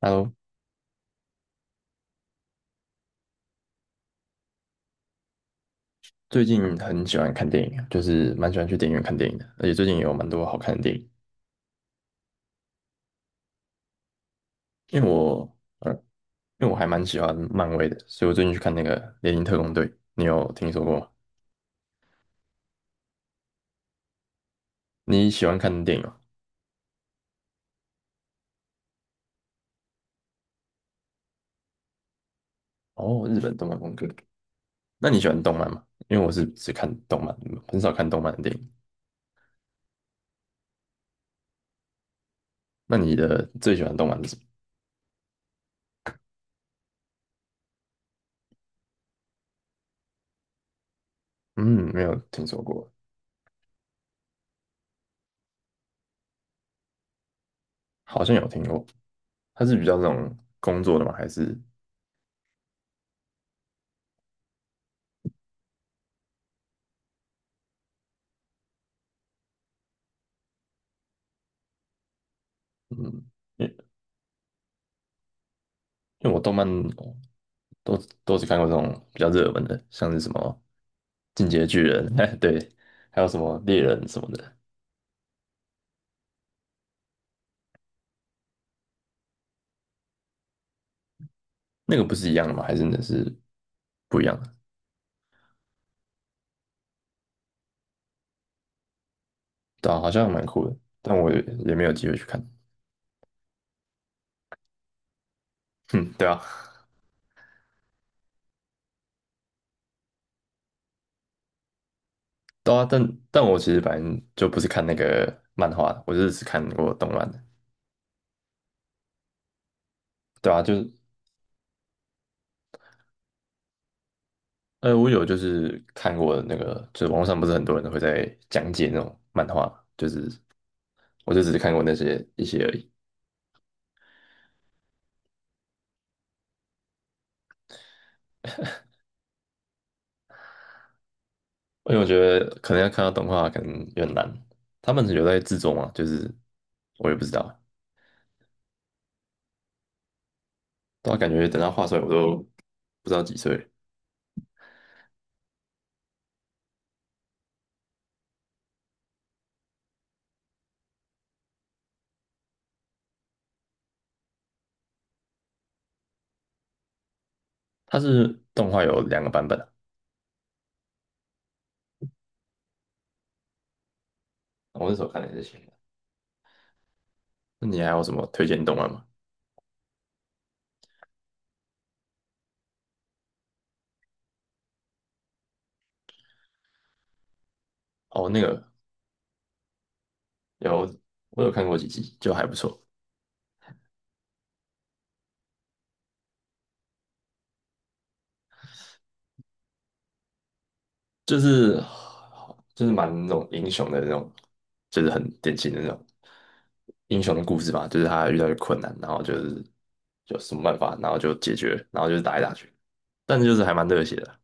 Hello，最近很喜欢看电影啊就是蛮喜欢去电影院看电影的，而且最近也有蛮多好看的电影。因为我，呃，因为我还蛮喜欢漫威的，所以我最近去看那个《猎鹰特工队》，你有听说过吗？你喜欢看电影吗？哦，日本动漫风格。那你喜欢动漫吗？因为我是只看动漫，很少看动漫的电影。那你的最喜欢动漫是什么？嗯，没有听说过。好像有听过。它是比较这种工作的吗？还是嗯？因因为我动漫都都只看过这种比较热门的，像是什么《进击的巨人》。对，还有什么猎人什么的。那个不是一样的吗？还是的是不一样的？对啊，好像蛮酷的，但我也没有机会去看。哼，对啊。对啊，但我其实反正就不是看那个漫画的，我就是只看过动漫的。对啊，就是我有就是看过那个，就是网络上不是很多人会在讲解那种漫画，就是我就只是看过那些一些而已。因为我觉得可能要看到动画，可能有点难。他们有在制作嘛？就是我也不知道。但我感觉等他画出来，我都不知道几岁了。它是动画有两个版本啊，我那时候看的也是新的。那你还有什么推荐动漫吗？哦，那个有，我有看过几集，就还不错，就是就是蛮那种英雄的那种，就是很典型的那种英雄的故事吧，就是他遇到一个困难，然后就是有什么办法，然后就解决，然后就是打来打去。但是就是还蛮热血的。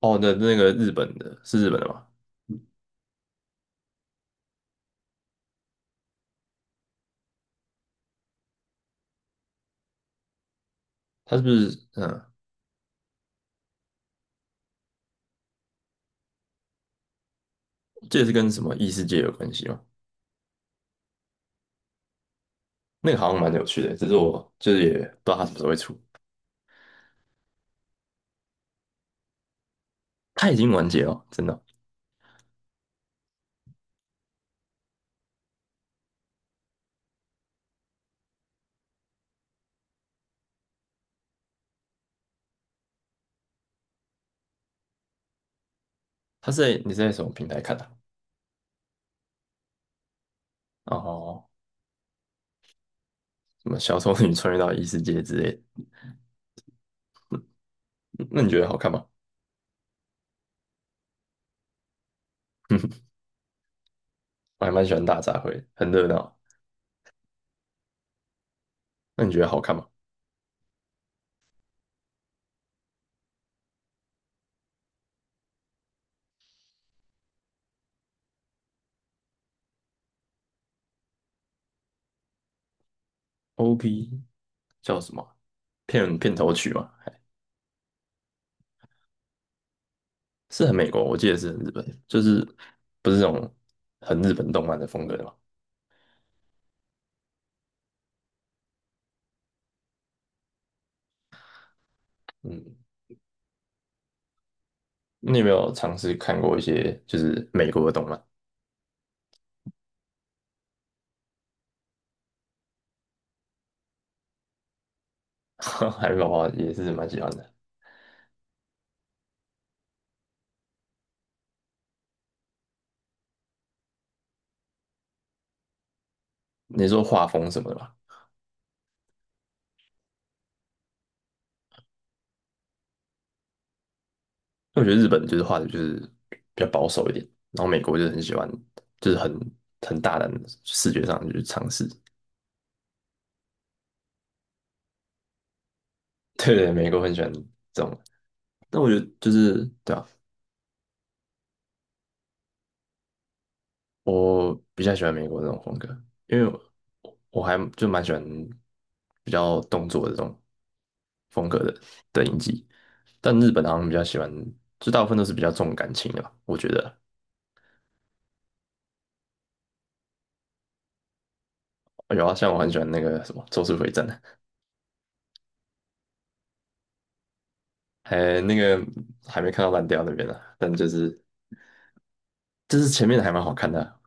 哦，那那个日本的是日本的吗？他是不是嗯，这也是跟什么异世界有关系吗？那个好像蛮有趣的，只是我就是也不知道它什么时候会出。它已经完结了，真的哦。它是在你是在什么平台看的啊？哦，什么小丑女穿越到异世界之类的？嗯，那你觉得好看吗？我还蛮喜欢大杂烩，很热闹。那你觉得好看吗？OP 叫什么啊？片头曲吗？还是很美国，我记得是很日本，就是不是这种很日本动漫的风格的嘛。嗯，你有没有尝试看过一些就是美国的动漫？海绵宝宝也是蛮喜欢的。你说画风什么的吧？因为我觉得日本就是画的就是比较保守一点，然后美国就是很喜欢，就是很大胆的视觉上去尝试。对对，美国很喜欢这种。但我觉得就是对啊，我比较喜欢美国这种风格，因为我还就蛮喜欢比较动作的这种风格的影集，但日本好像比较喜欢，就大部分都是比较重感情的吧，我觉得有啊，像我很喜欢那个什么《咒术回战》。还那个还没看到烂掉那边呢、啊但就是就是前面的还蛮好看的啊。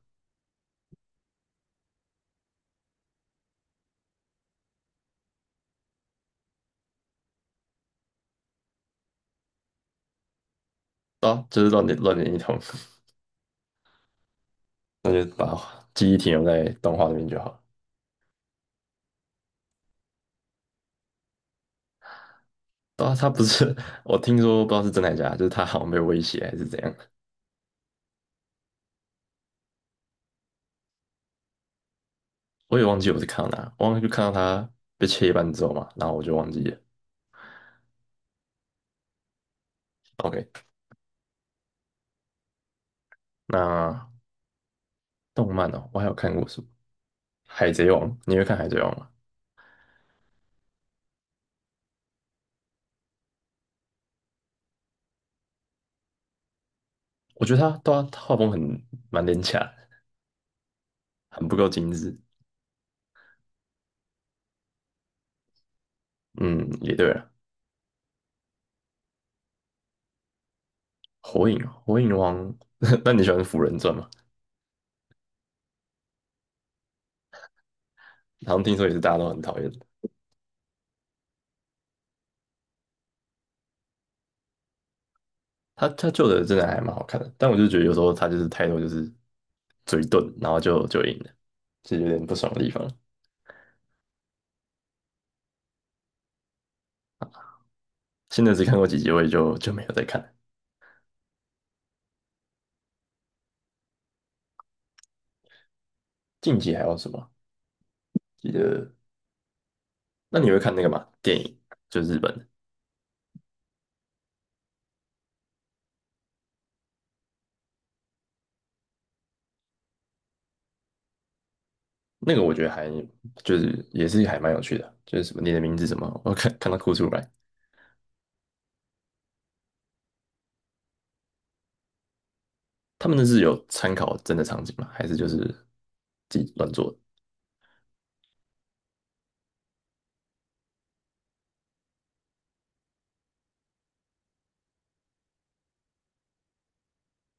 对啊就是乱点一通，那就把记忆停留在动画那边就好。对啊，他不是 我听说不知道是真还假，就是他好像被威胁还是怎样。我也忘记我是看到哪，就看到他被切一半之后嘛，然后我就忘记了。OK，那动漫哦，我还有看过什么？海贼王，你会看海贼王吗？我觉得他对啊他画风很蛮廉价的，很不够精致。嗯，也对了。火影，火影王。那你喜欢《辅人传》吗？好像听说也是大家都很讨厌的。他旧的真的还蛮好看的，但我就觉得有时候他就是态度就是嘴遁，然后就赢了，是有点不爽的地方。现在只看过几集，我也就没有再看了。近期还有什么？记得，那你会看那个吗？电影就是日本的那个，我觉得还就是也是还蛮有趣的，就是什么你的名字什么，我看到哭出来。他们那是有参考真的场景吗？还是就是自己乱做的？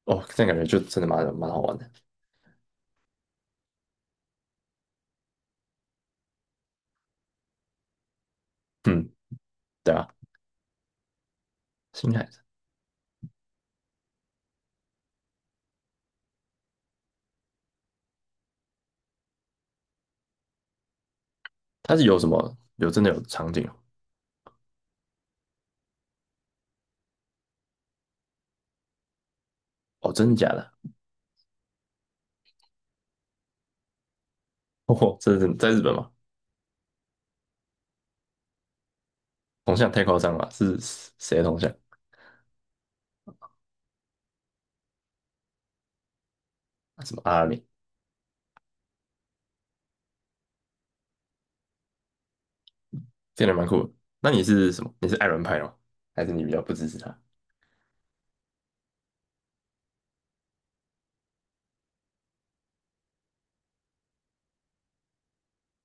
哦，这样感觉就真的蛮好玩的。嗯，对啊。新海诚他是有什么有真的有场景哦？哦，真的假的？哦，这是在日本吗？铜像太夸张了吧，是谁的铜像？啊什么阿拉蕾，这个人蛮酷的。那你是什么？你是爱伦派的吗？还是你比较不支持他？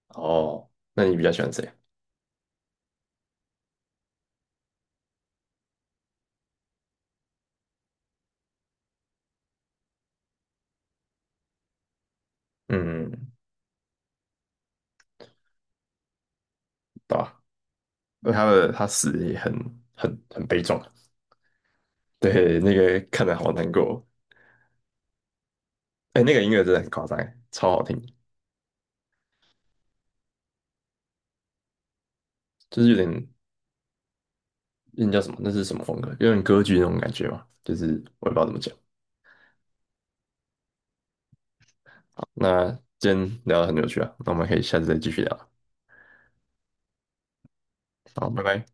哦，那你比较喜欢谁？嗯，对吧？因为他的他死得也很悲壮，对，那个看得好难过。哎，那个音乐真的很夸张欸，超好听，就是有点那叫什么？那是什么风格？有点歌剧那种感觉嘛，就是我也不知道怎么讲。那今天聊得很有趣啊，那我们可以下次再继续聊。好，拜拜。